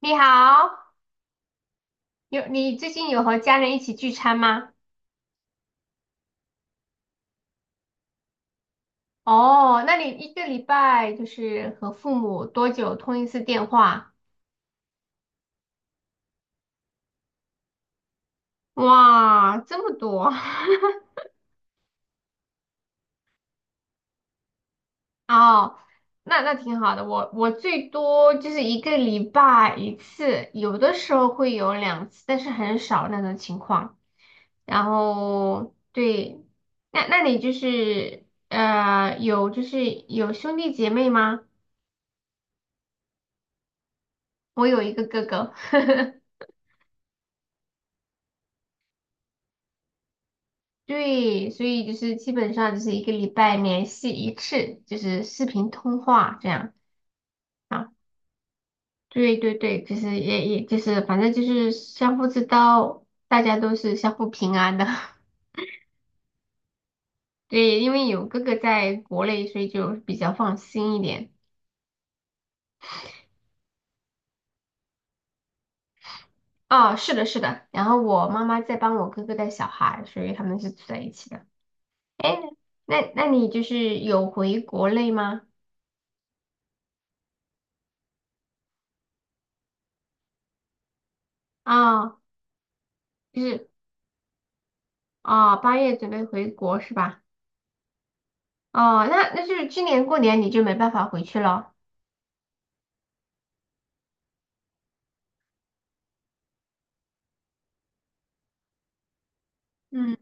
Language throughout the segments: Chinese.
你好，有你最近和家人一起聚餐吗？哦，那你一个礼拜和父母多久通一次电话？哇，这么多！哦，那挺好的。我最多就是一个礼拜一次，有的时候会有两次，但是很少那种情况。然后对，那你呃有就是有兄弟姐妹吗？我有一个哥哥。对，所以就是基本上就是一个礼拜联系一次，就是视频通话这样啊。对对对，就是也也就是反正就是相互知道，大家都是相互平安的。对，因为有哥哥在国内，所以就比较放心一点。哦，是的，是的。然后我妈妈在帮我哥哥带小孩，所以他们是住在一起的。哎，那你有回国内吗？啊、就是八月准备回国是吧？哦，那那就是今年过年你就没办法回去了。嗯。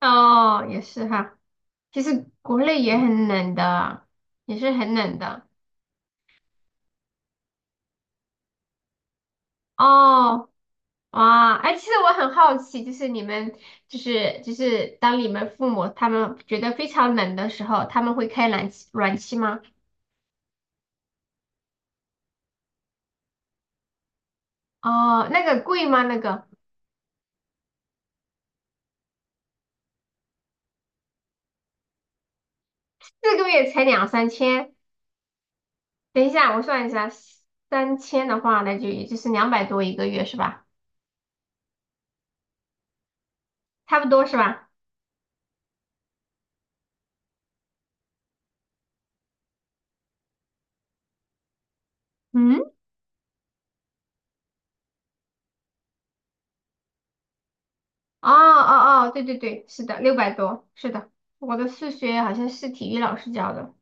哦，也是哈。其实国内也很冷的，也是很冷的。哦，哇，哎，其实我很好奇，就是你们，就是就是当你们父母他们觉得非常冷的时候，他们会开暖气吗？哦，那个贵吗？那个四个月才两三千？等一下我算一下，三千的话，那就也就是两百多一个月是吧？差不多是吧？嗯。哦哦哦，对对对，是的，六百多，是的。我的数学好像是体育老师教的。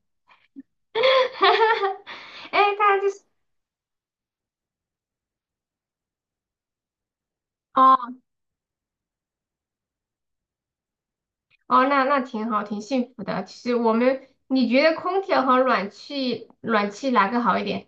哎，他就是。哦哦，那那挺好，挺幸福的。其实我们，你觉得空调和暖气，哪个好一点？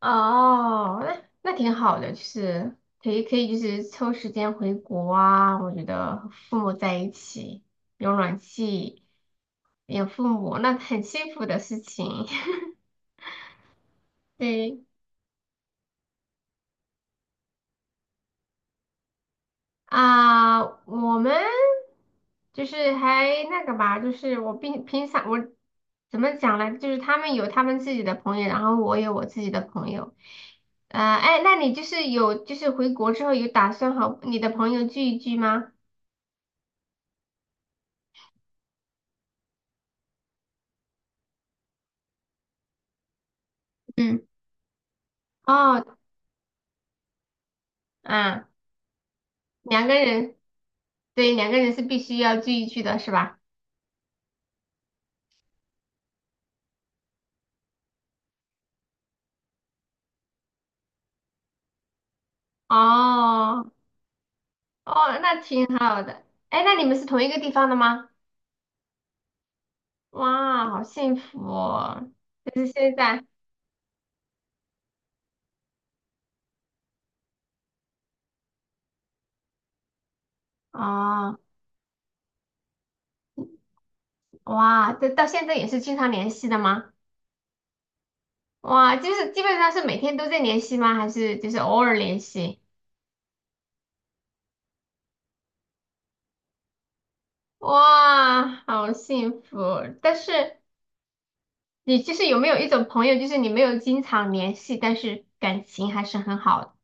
哦，那那挺好的，就是可以，就是抽时间回国啊。我觉得和父母在一起，有暖气，有父母，那很幸福的事情。对。啊，我们就是还那个吧，就是我平常我怎么讲呢？就是他们有他们自己的朋友，然后我有我自己的朋友。哎，那你有回国之后有打算和你的朋友聚一聚吗？嗯。哦。啊，两个人。对，两个人是必须要聚一聚的，是吧？哦。哦，那挺好的。哎，那你们是同一个地方的吗？哇，好幸福哦！就是现在。哦。哇，这到现在也是经常联系的吗？哇，就是基本上是每天都在联系吗？还是就是偶尔联系？哇，好幸福！但是你有没有一种朋友，就是你没有经常联系，但是感情还是很好的。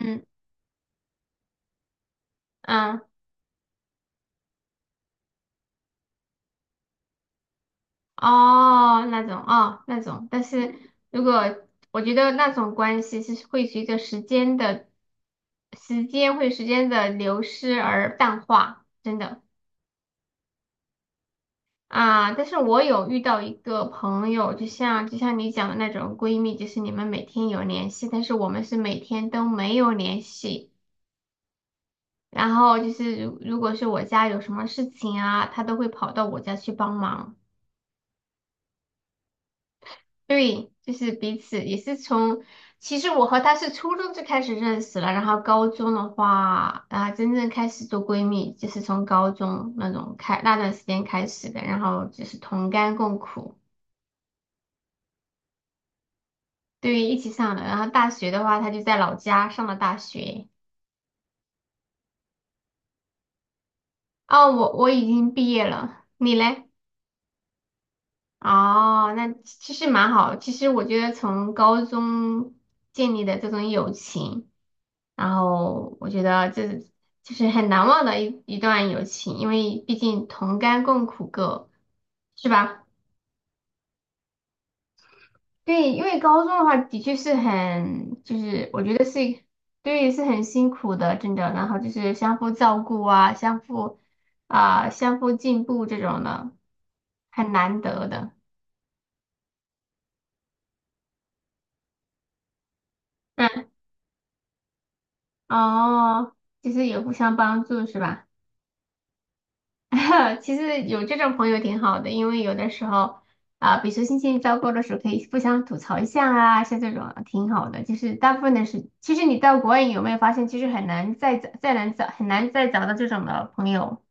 嗯嗯，哦，那种。但是如果我觉得那种关系是会随着时间的时间流失而淡化，真的。啊，但是我有遇到一个朋友，就像你讲的那种闺蜜，就是你们每天有联系，但是我们是每天都没有联系。然后就是如果是我家有什么事情啊，她都会跑到我家去帮忙。对，就是彼此也是从，其实我和她是初中就开始认识了，然后高中的话啊，真正开始做闺蜜，就是从高中那种开那段时间开始的，然后就是同甘共苦。对，一起上的。然后大学的话，他就在老家上了大学。哦，我已经毕业了，你嘞？哦，那其实蛮好。其实我觉得从高中建立的这种友情，然后我觉得这就是很难忘的一段友情，因为毕竟同甘共苦过，是吧？对，因为高中的话的确是很，就是我觉得是，对，是很辛苦的，真的。然后就是相互照顾啊，相互进步这种的，很难得的。嗯。哦，就是也互相帮助是吧？其实有这种朋友挺好的，因为有的时候比如说心情糟糕的时候，可以互相吐槽一下啊，像这种挺好的。就是大部分的是，其实你到国外有没有发现，其实很难再找到这种的朋友。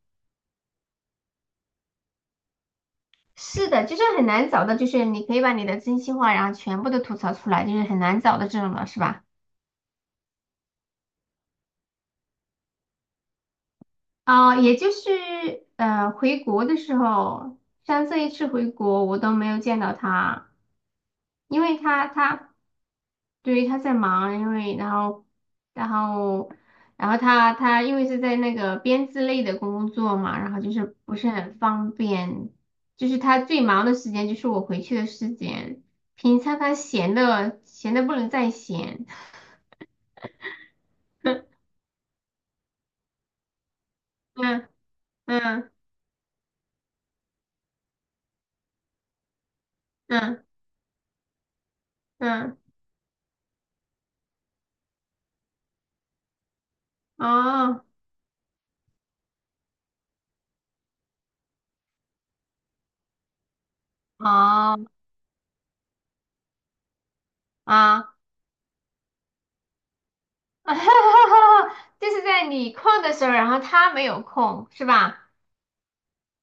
是的，就是很难找到，就是你可以把你的真心话，然后全部都吐槽出来，就是很难找到这种的，是吧？啊、也就是呃，回国的时候，像这一次回国，我都没有见到他，因为对，他在忙，因为然后，然后，然后他因为是在那个编制类的工作嘛，然后就是不是很方便。就是他最忙的时间就是我回去的时间，平常他闲的不能再闲。嗯嗯嗯嗯，嗯，哦哦啊，就是在你空的时候，然后他没有空，是吧？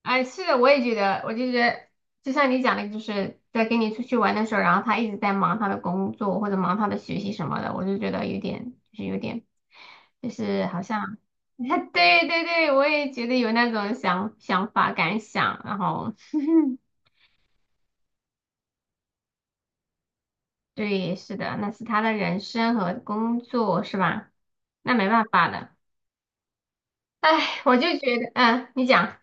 哎，是的，我也觉得，就像你讲的，就是在跟你出去玩的时候，然后他一直在忙他的工作或者忙他的学习什么的，我就觉得有点，就是好像，对对对，我也觉得有那种想法感想。然后，对，是的，那是他的人生和工作是吧？那没办法的。哎，我就觉得，嗯，你讲。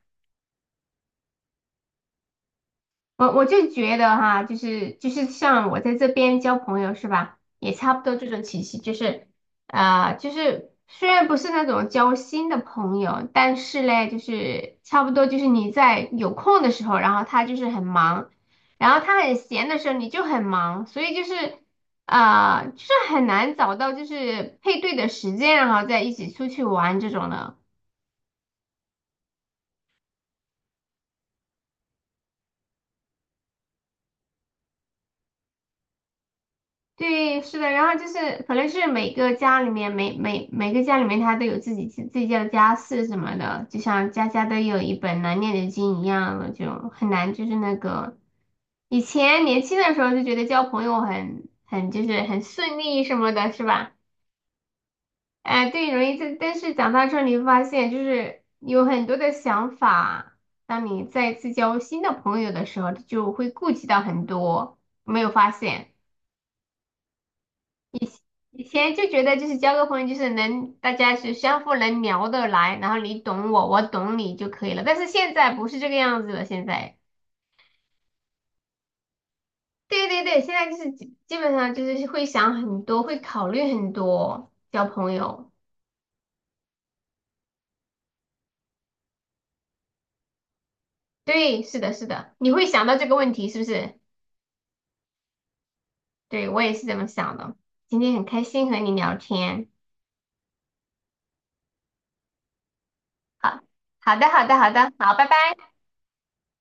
我就觉得哈，像我在这边交朋友是吧，也差不多这种体系。就是虽然不是那种交心的朋友，但是嘞，就是差不多就是你在有空的时候，然后他就是很忙，然后他很闲的时候你就很忙，所以就是很难找到就是配对的时间，然后再一起出去玩这种的。对，是的，然后就是可能是每个家里面，每个家里面，他都有自己家的家事什么的，就像家家都有一本难念的经一样的，就很难就是那个。以前年轻的时候就觉得交朋友很就是很顺利什么的，是吧？对，容易这，但是长大之后你会发现，就是有很多的想法，当你再次交新的朋友的时候，就会顾及到很多，有没有发现？以前就觉得就是交个朋友，就是能大家是相互能聊得来，然后你懂我，我懂你就可以了。但是现在不是这个样子了。现在，对对对，现在就是基本上就是会想很多，会考虑很多交朋友。对，是的，是的，你会想到这个问题是不是？对，我也是这么想的。今天很开心和你聊天。好，好的，好的，好的，好，拜拜。